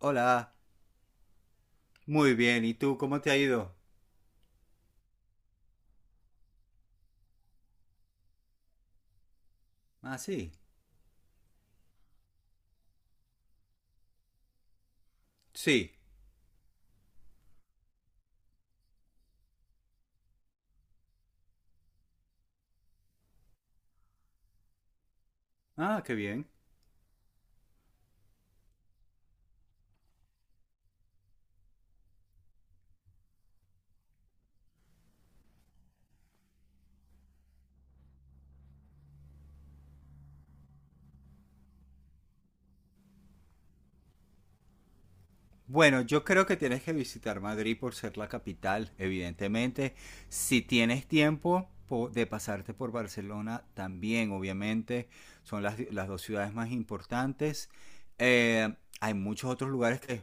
Hola. Muy bien. ¿Y tú cómo te ha ido? Ah, sí. Sí. Ah, qué bien. Bueno, yo creo que tienes que visitar Madrid por ser la capital, evidentemente. Si tienes tiempo de pasarte por Barcelona, también, obviamente. Son las dos ciudades más importantes. Eh, Hay muchos otros lugares que...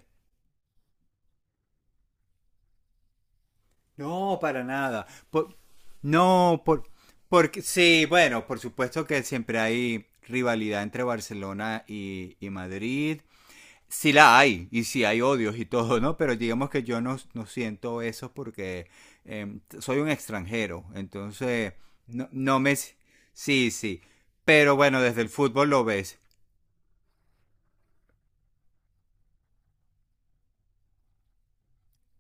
No, para nada. Por- no, por, Porque sí, bueno, por supuesto que siempre hay rivalidad entre Barcelona y Madrid. Sí la hay, y sí hay odios y todo, ¿no? Pero digamos que yo no siento eso porque soy un extranjero, entonces no me... Sí, sí, pero bueno, desde el fútbol lo ves.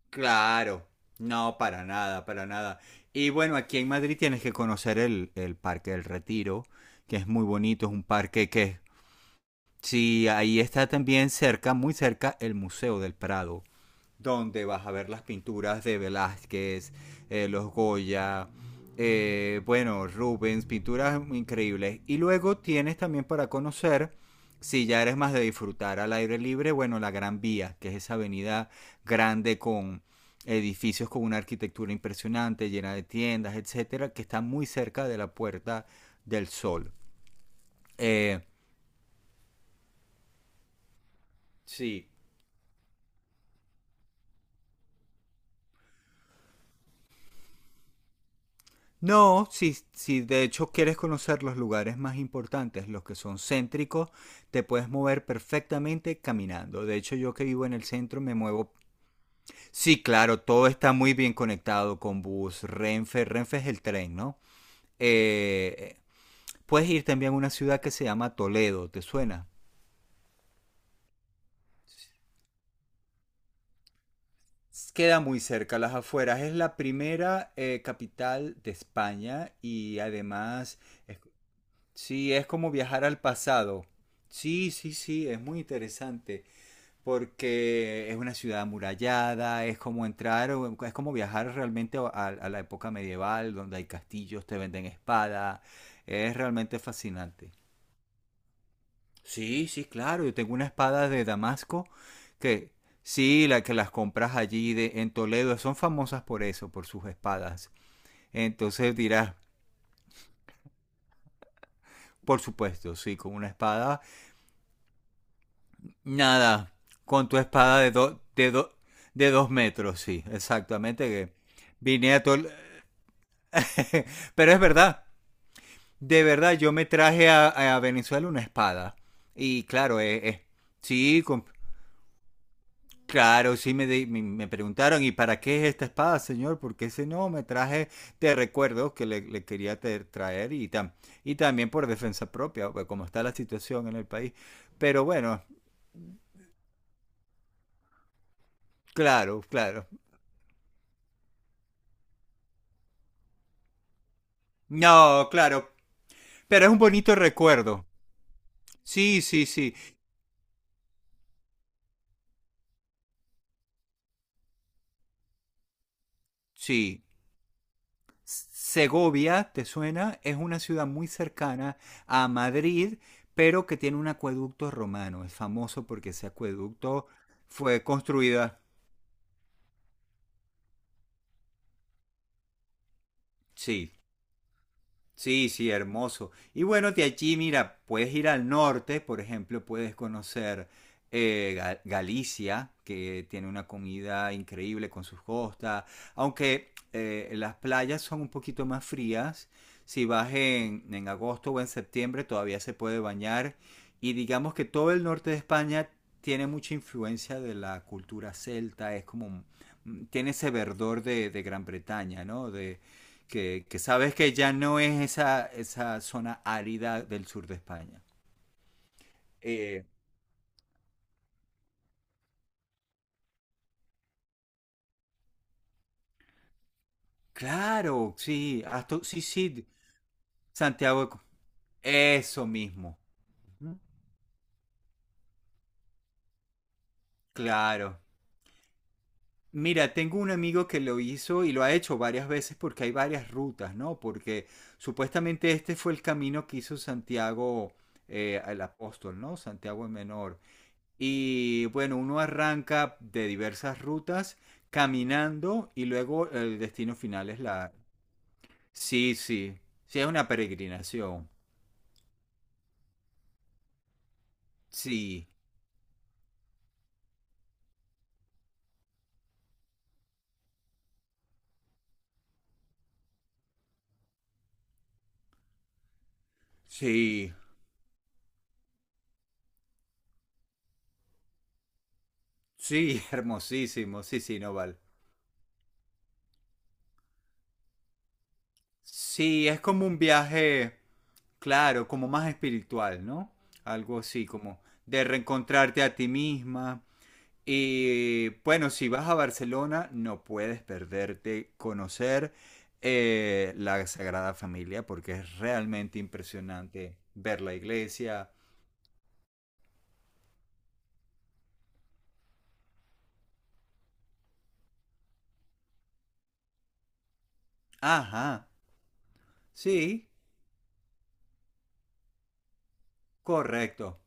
Claro, no, para nada, para nada. Y bueno, aquí en Madrid tienes que conocer el Parque del Retiro, que es muy bonito, es un parque que es. Sí, ahí está también cerca, muy cerca, el Museo del Prado, donde vas a ver las pinturas de Velázquez, los Goya, bueno, Rubens, pinturas increíbles. Y luego tienes también para conocer, si ya eres más de disfrutar al aire libre, bueno, la Gran Vía, que es esa avenida grande con edificios con una arquitectura impresionante, llena de tiendas, etcétera, que está muy cerca de la Puerta del Sol. Eh, sí, no, si de hecho quieres conocer los lugares más importantes, los que son céntricos, te puedes mover perfectamente caminando. De hecho, yo que vivo en el centro me muevo. Sí, claro, todo está muy bien conectado con bus, Renfe, Renfe es el tren, ¿no? Eh, Puedes ir también a una ciudad que se llama Toledo, ¿te suena? Queda muy cerca, las afueras. Es la primera capital de España y además es. Sí, es como viajar al pasado. Sí, sí, sí, es muy interesante porque es una ciudad amurallada, es como entrar, es como viajar realmente a, a la época medieval, donde hay castillos, te venden espada, es realmente fascinante. Sí, sí, claro, yo tengo una espada de Damasco que sí, la que las compras allí de, en Toledo, son famosas por eso, por sus espadas. Entonces dirás, por supuesto, sí, con una espada. Nada, con tu espada de 2 metros, sí, exactamente. Que vine a todo. Pero es verdad, de verdad, yo me traje a Venezuela una espada. Y claro, sí, claro, sí me, me preguntaron, ¿y para qué es esta espada, señor? Porque ese no, me traje te recuerdo que le quería traer y, y también por defensa propia, pues, como está la situación en el país. Pero bueno, claro, claro. No, claro. Pero es un bonito recuerdo. Sí, sí, sí. Sí. Segovia, ¿te suena? Es una ciudad muy cercana a Madrid, pero que tiene un acueducto romano. Es famoso porque ese acueducto fue construida. Sí. Sí, sí, hermoso. Y bueno, de allí, mira, puedes ir al norte, por ejemplo, puedes conocer Galicia, que tiene una comida increíble con sus costas, aunque las playas son un poquito más frías. Si vas en agosto o en septiembre, todavía se puede bañar. Y digamos que todo el norte de España tiene mucha influencia de la cultura celta, es como, tiene ese verdor de Gran Bretaña, ¿no? Que sabes que ya no es esa zona árida del sur de España. Eh, claro, sí, sí, sí, Santiago, eso mismo. Ujú. Claro. Mira, tengo un amigo que lo hizo y lo ha hecho varias veces porque hay varias rutas, ¿no? Porque supuestamente este fue el camino que hizo Santiago el apóstol, ¿no? Santiago el Menor. Y bueno, uno arranca de diversas rutas caminando y luego el destino final es la... Sí, sí, sí, es una peregrinación. Sí, sí, sí, hermosísimo, sí, sí, no vale. Sí, es como un viaje, claro, como más espiritual, ¿no? Algo así, como de reencontrarte a ti misma. Y bueno, si vas a Barcelona, no puedes perderte conocer la Sagrada Familia porque es realmente impresionante ver la iglesia. Ajá, sí, correcto.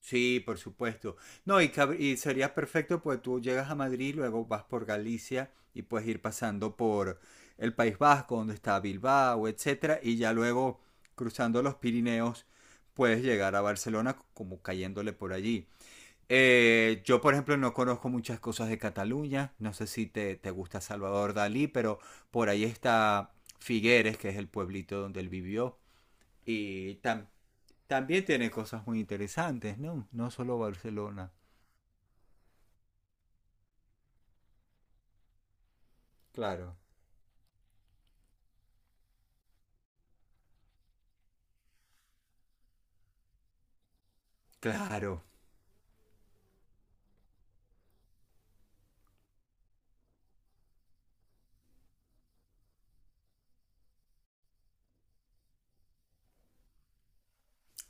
Sí, por supuesto. No, y sería perfecto pues tú llegas a Madrid, luego vas por Galicia y puedes ir pasando por el País Vasco, donde está Bilbao, etcétera, y ya luego cruzando los Pirineos puedes llegar a Barcelona como cayéndole por allí. Yo, por ejemplo, no conozco muchas cosas de Cataluña. No sé si te gusta Salvador Dalí, pero por ahí está Figueres, que es el pueblito donde él vivió. Y también tiene cosas muy interesantes, ¿no? No solo Barcelona. Claro, claro,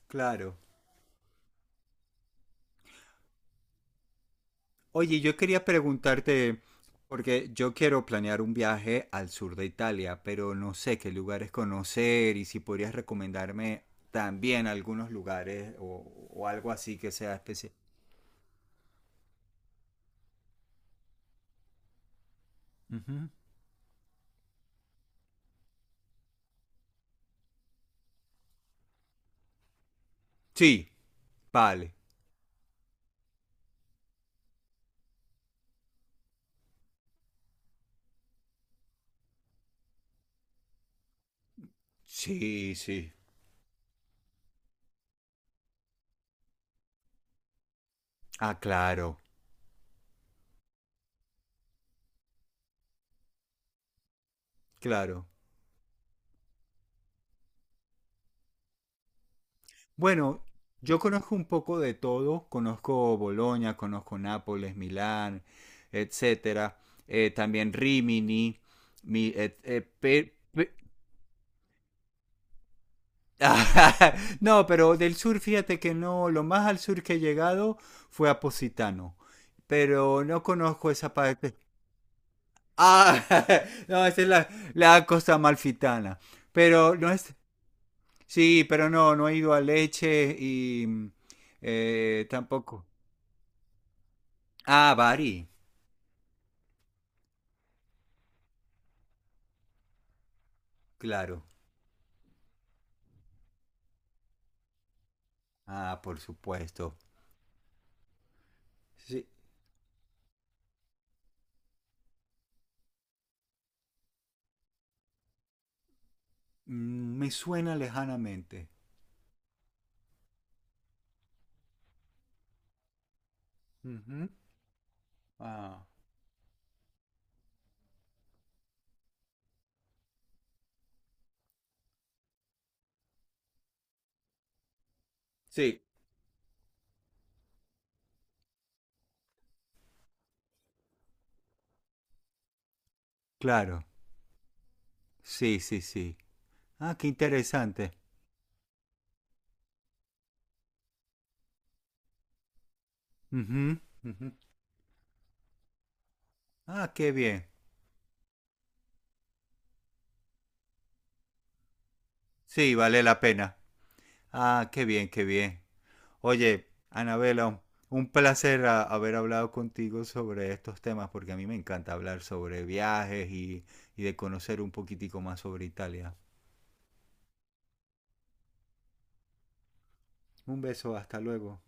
claro. Oye, yo quería preguntarte, porque yo quiero planear un viaje al sur de Italia, pero no sé qué lugares conocer y si podrías recomendarme también algunos lugares o algo así que sea especial. Ujú. Sí, vale. Sí, sí. Ah, claro, claro. Bueno, yo conozco un poco de todo. Conozco Bolonia, conozco Nápoles, Milán, etcétera. También Rimini. Mi, et- pe- pe- No, pero del sur, fíjate que no, lo más al sur que he llegado fue a Positano, pero no conozco esa parte. Ah, no, esa es la costa amalfitana, pero no es, sí, pero no, no he ido a Leche y tampoco. Ah, Bari, claro. Ah, por supuesto. Sí, me suena lejanamente. Ujú. Ah, sí, claro. Sí, sí, sí. Ah, qué interesante. Ujú, ujú. Ah, qué bien. Sí, vale la pena. Ah, qué bien, qué bien. Oye, Anabela, un placer haber hablado contigo sobre estos temas porque a mí me encanta hablar sobre viajes y de conocer un poquitico más sobre Italia. Un beso, hasta luego.